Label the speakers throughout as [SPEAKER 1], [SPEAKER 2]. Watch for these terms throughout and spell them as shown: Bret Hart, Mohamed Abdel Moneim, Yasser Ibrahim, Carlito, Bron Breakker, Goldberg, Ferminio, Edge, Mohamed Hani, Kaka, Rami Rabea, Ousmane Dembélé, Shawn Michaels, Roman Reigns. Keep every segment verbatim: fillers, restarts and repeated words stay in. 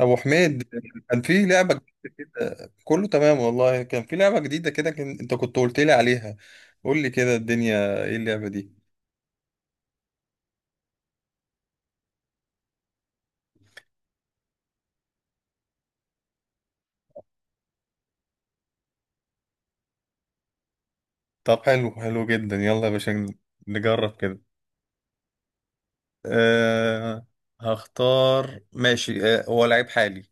[SPEAKER 1] ابو حميد، كان في لعبه جديده كده، كله تمام والله، كان في لعبه جديده كده كان انت كنت قلت لي عليها. قول لي كده، الدنيا ايه اللعبه دي؟ طب حلو حلو جدا، يلا يا باشا ن- نجرب كده. أه، هختار، ماشي. أه هو لعيب حالي.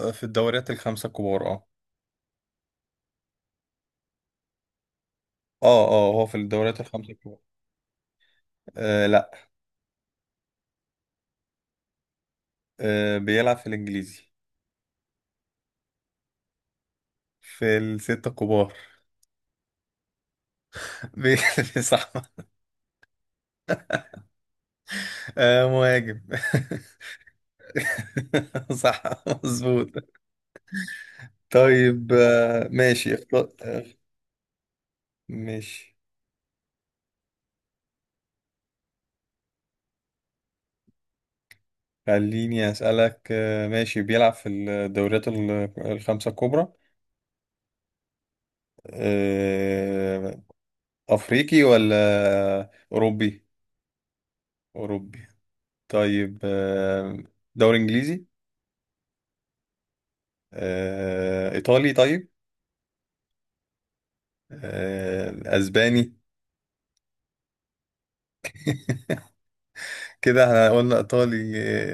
[SPEAKER 1] أه، في الدوريات الخمسه الكبار. اه اه اه هو في الدوريات الخمسه الكبار. أه، لا. أه، بيلعب في الانجليزي. في الستة الكبار. بي- صح. أه، مهاجم. صح، مظبوط. طيب، آه، ماشي اختار. آه، ماشي خليني أسألك، آه، ماشي بيلعب في الدوريات ال- الخمسة الكبرى. آه، أفريقي ولا أوروبي؟ أوروبي. طيب، آه، دوري إنجليزي؟ آه، إيطالي؟ طيب. آه، أسباني؟ كده احنا قلنا إيطالي.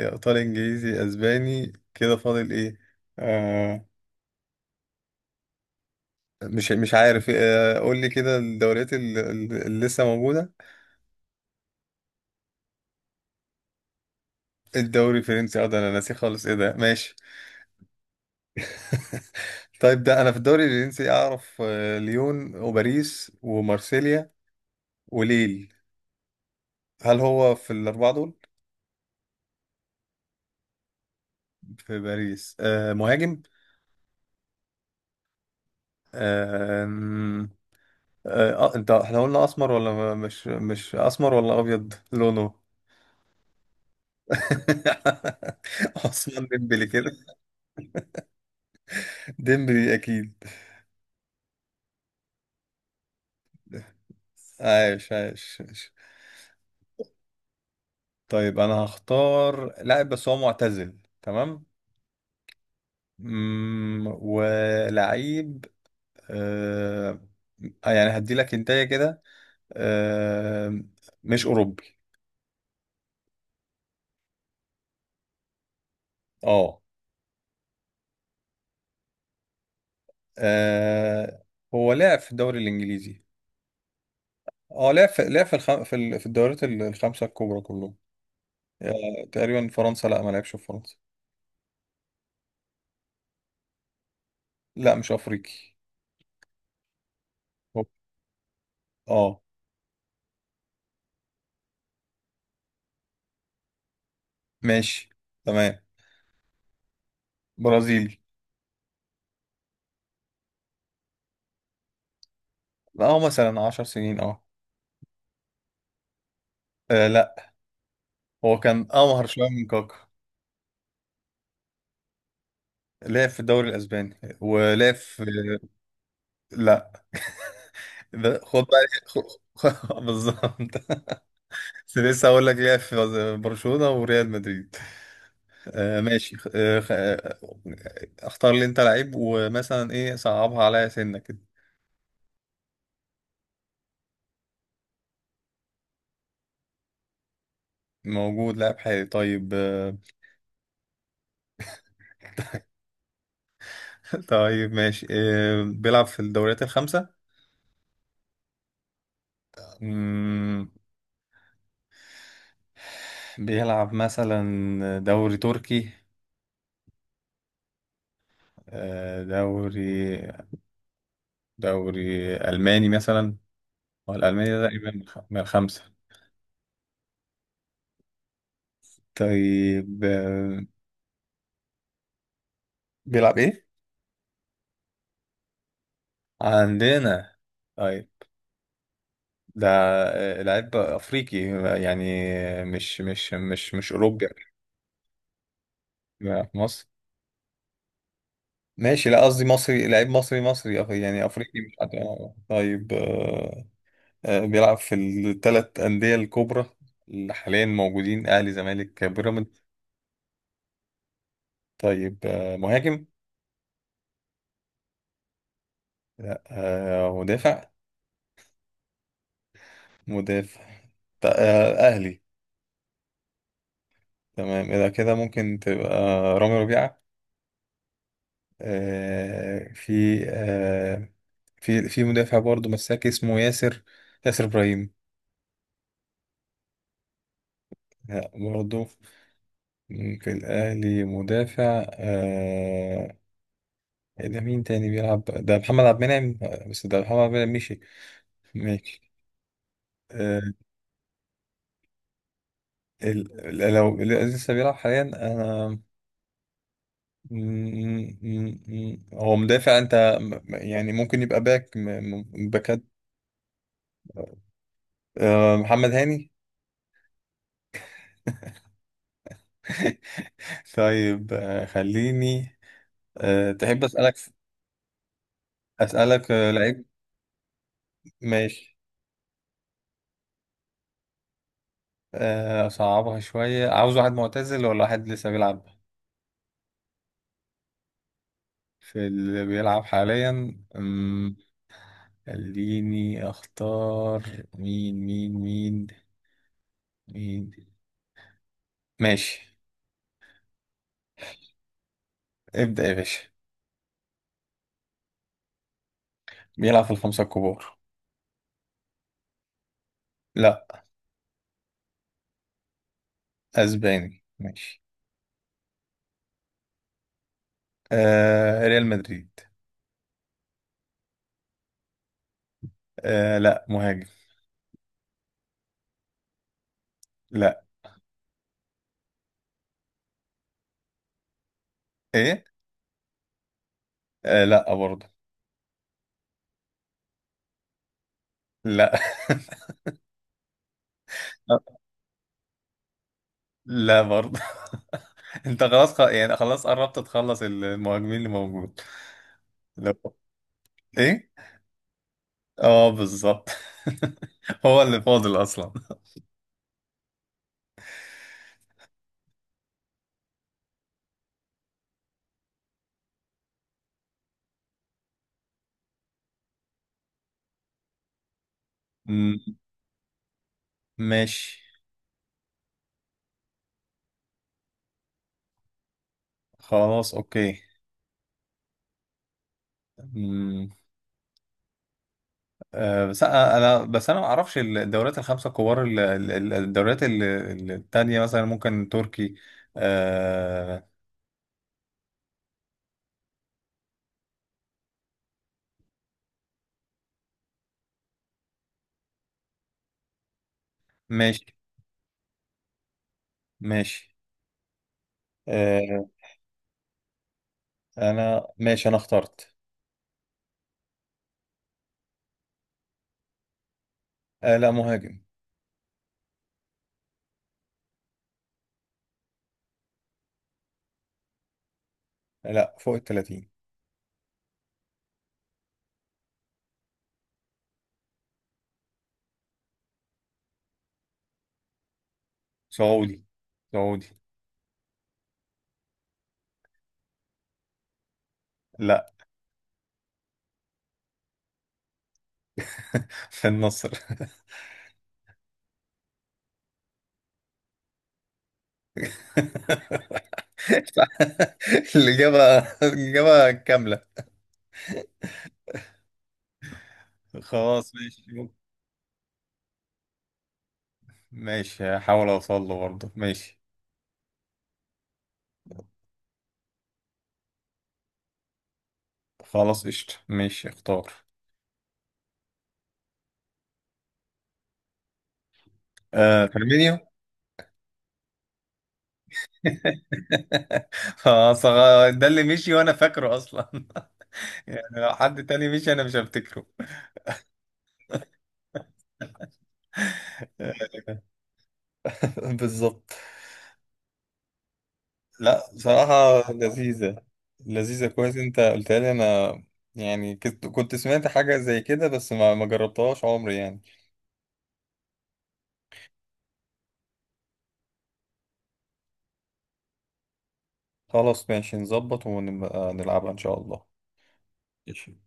[SPEAKER 1] آه، إيطالي إنجليزي أسباني، كده فاضل إيه؟ آه، مش مش عارف. آه، قول لي كده الدوريات ال- ال- اللي لسه موجودة. الدوري الفرنسي. اه ده انا ناسي خالص، ايه ده، ماشي. طيب ده انا في الدوري الفرنسي اعرف آه، ليون وباريس ومارسيليا وليل. هل هو في الاربعه دول؟ في باريس. آه مهاجم. آه آم، آه آه، انت احنا قلنا اسمر ولا ما- مش مش اسمر ولا ابيض لونه؟ عثمان ديمبلي كده. ديمبلي اكيد. عايش عايش عايش. طيب. انا هختار لاعب بس هو معتزل، تمام؟ مم، ولعيب. آه. آه، يعني هدي لك انتايه كده. آه مش اوروبي. اه. آه، هو لعب في الدوري الانجليزي. اه، لعب في لعب في الخم... في, ال... في الدوريات ال- الخمسه الكبرى كلهم. آه تقريبا، فرنسا؟ لا، ما لعبش في فرنسا. لا، مش افريقي. هو- اه. ماشي، تمام. برازيلي. اه، مثلا عشرة سنين. اه آه، لا، هو كان امهر شويه من كاكا. لعب في الدوري الاسباني ولعب في... لا، ده خد بقى. خ- خ- بالظبط. بس لسه هقول لك ليه، في برشلونة وريال مدريد. آه ماشي. آه خ- آه، اختار لي انت لعيب، ومثلا ايه، صعبها عليا سنة كده. موجود لاعب حالي؟ طيب. آه طيب، ماشي، آه بيلعب في الدوريات الخمسة؟ مم، بيلعب مثلا دوري تركي؟ آه دوري دوري ألماني مثلا؟ هو الألماني ده تقريبا من الخ- من الخمسة؟ طيب، آه، بيلعب ايه؟ عندنا. طيب. ده آه، لعيب افريقي، يعني، مش مش مش مش اوروبي. يعني في مصر. ماشي، لا قصدي مصري، لعيب مصري مصري أف- يعني افريقي، مش عارف. آه، طيب. آه، آه، بيلعب في الثلاث انديه الكبرى اللي حاليا موجودين: اهلي، زمالك، بيراميدز؟ طيب. آه، مهاجم؟ لا. آه، مدافع؟ مدافع. ط- آه، اهلي؟ تمام، اذا كده ممكن تبقى رامي ربيعه. آه، في آه، في في مدافع برضه مساك اسمه ياسر، ياسر إبراهيم. لا برضه. في الأهلي مدافع. آه ده مين تاني بيلعب؟ ده محمد عبد المنعم، آه، بس ده محمد عبد المنعم مشي. ماشي. آه ال... ال- لو اللي لسه بيلعب حاليا، أنا م- م- م- هو مدافع، أنت م- يعني ممكن يبقى باك، م- م- باكات. آه محمد هاني. طيب. آه خليني آه تحب أسألك؟ أسألك، آه لعيب. ماشي. آه، أصعبها شوية، عاوز واحد معتزل ولا واحد لسه بيلعب؟ في اللي بيلعب حاليا. أمم، خليني أختار. مين مين مين مين. ماشي. ابدأ يا باشا. بيلعب في الخمسة الكبار. لا. أسباني، ماشي. آه ريال مدريد. آه لا، مهاجم. لا، إيه، آه لا برضه. لا. لا برضه. انت خلاص، خ... يعني خلاص قربت تخلص المهاجمين اللي موجود. ايه. اه، بالظبط. هو اللي فاضل اصلا. مم، ماشي. خلاص اوكي. مم، آه، بس انا أنا- بس انا ما اعرفش الدوريات الخمسه الكبار، ال- ال- ال- الدوريات ال- ال- التانية مثلا ممكن تركي. آه، ماشي ماشي. آه، انا ماشي انا اخترت. آه، لا، مهاجم. لا، فوق ال ثلاثين. سعودي، سعودي. لا. في النصر. الإجابة. الإجابة كاملة. خلاص ماشي. ماشي، هحاول أوصل له برضه، ماشي. خلاص قشطة، ماشي اختار. آه، فيرمينيو. خلاص. آه، ده اللي مشي وأنا فاكره أصلا. يعني لو حد تاني مشي أنا مش هفتكره. آه، بالظبط. لا، بصراحة لذيذة. لذيذة، كويس انت قلتها لي انا. يعني كنت كنت سمعت حاجة زي كده، بس ما ما جربتهاش عمري يعني. خلاص ماشي، نظبط ونبقى نلعبها إن شاء الله. ماشي.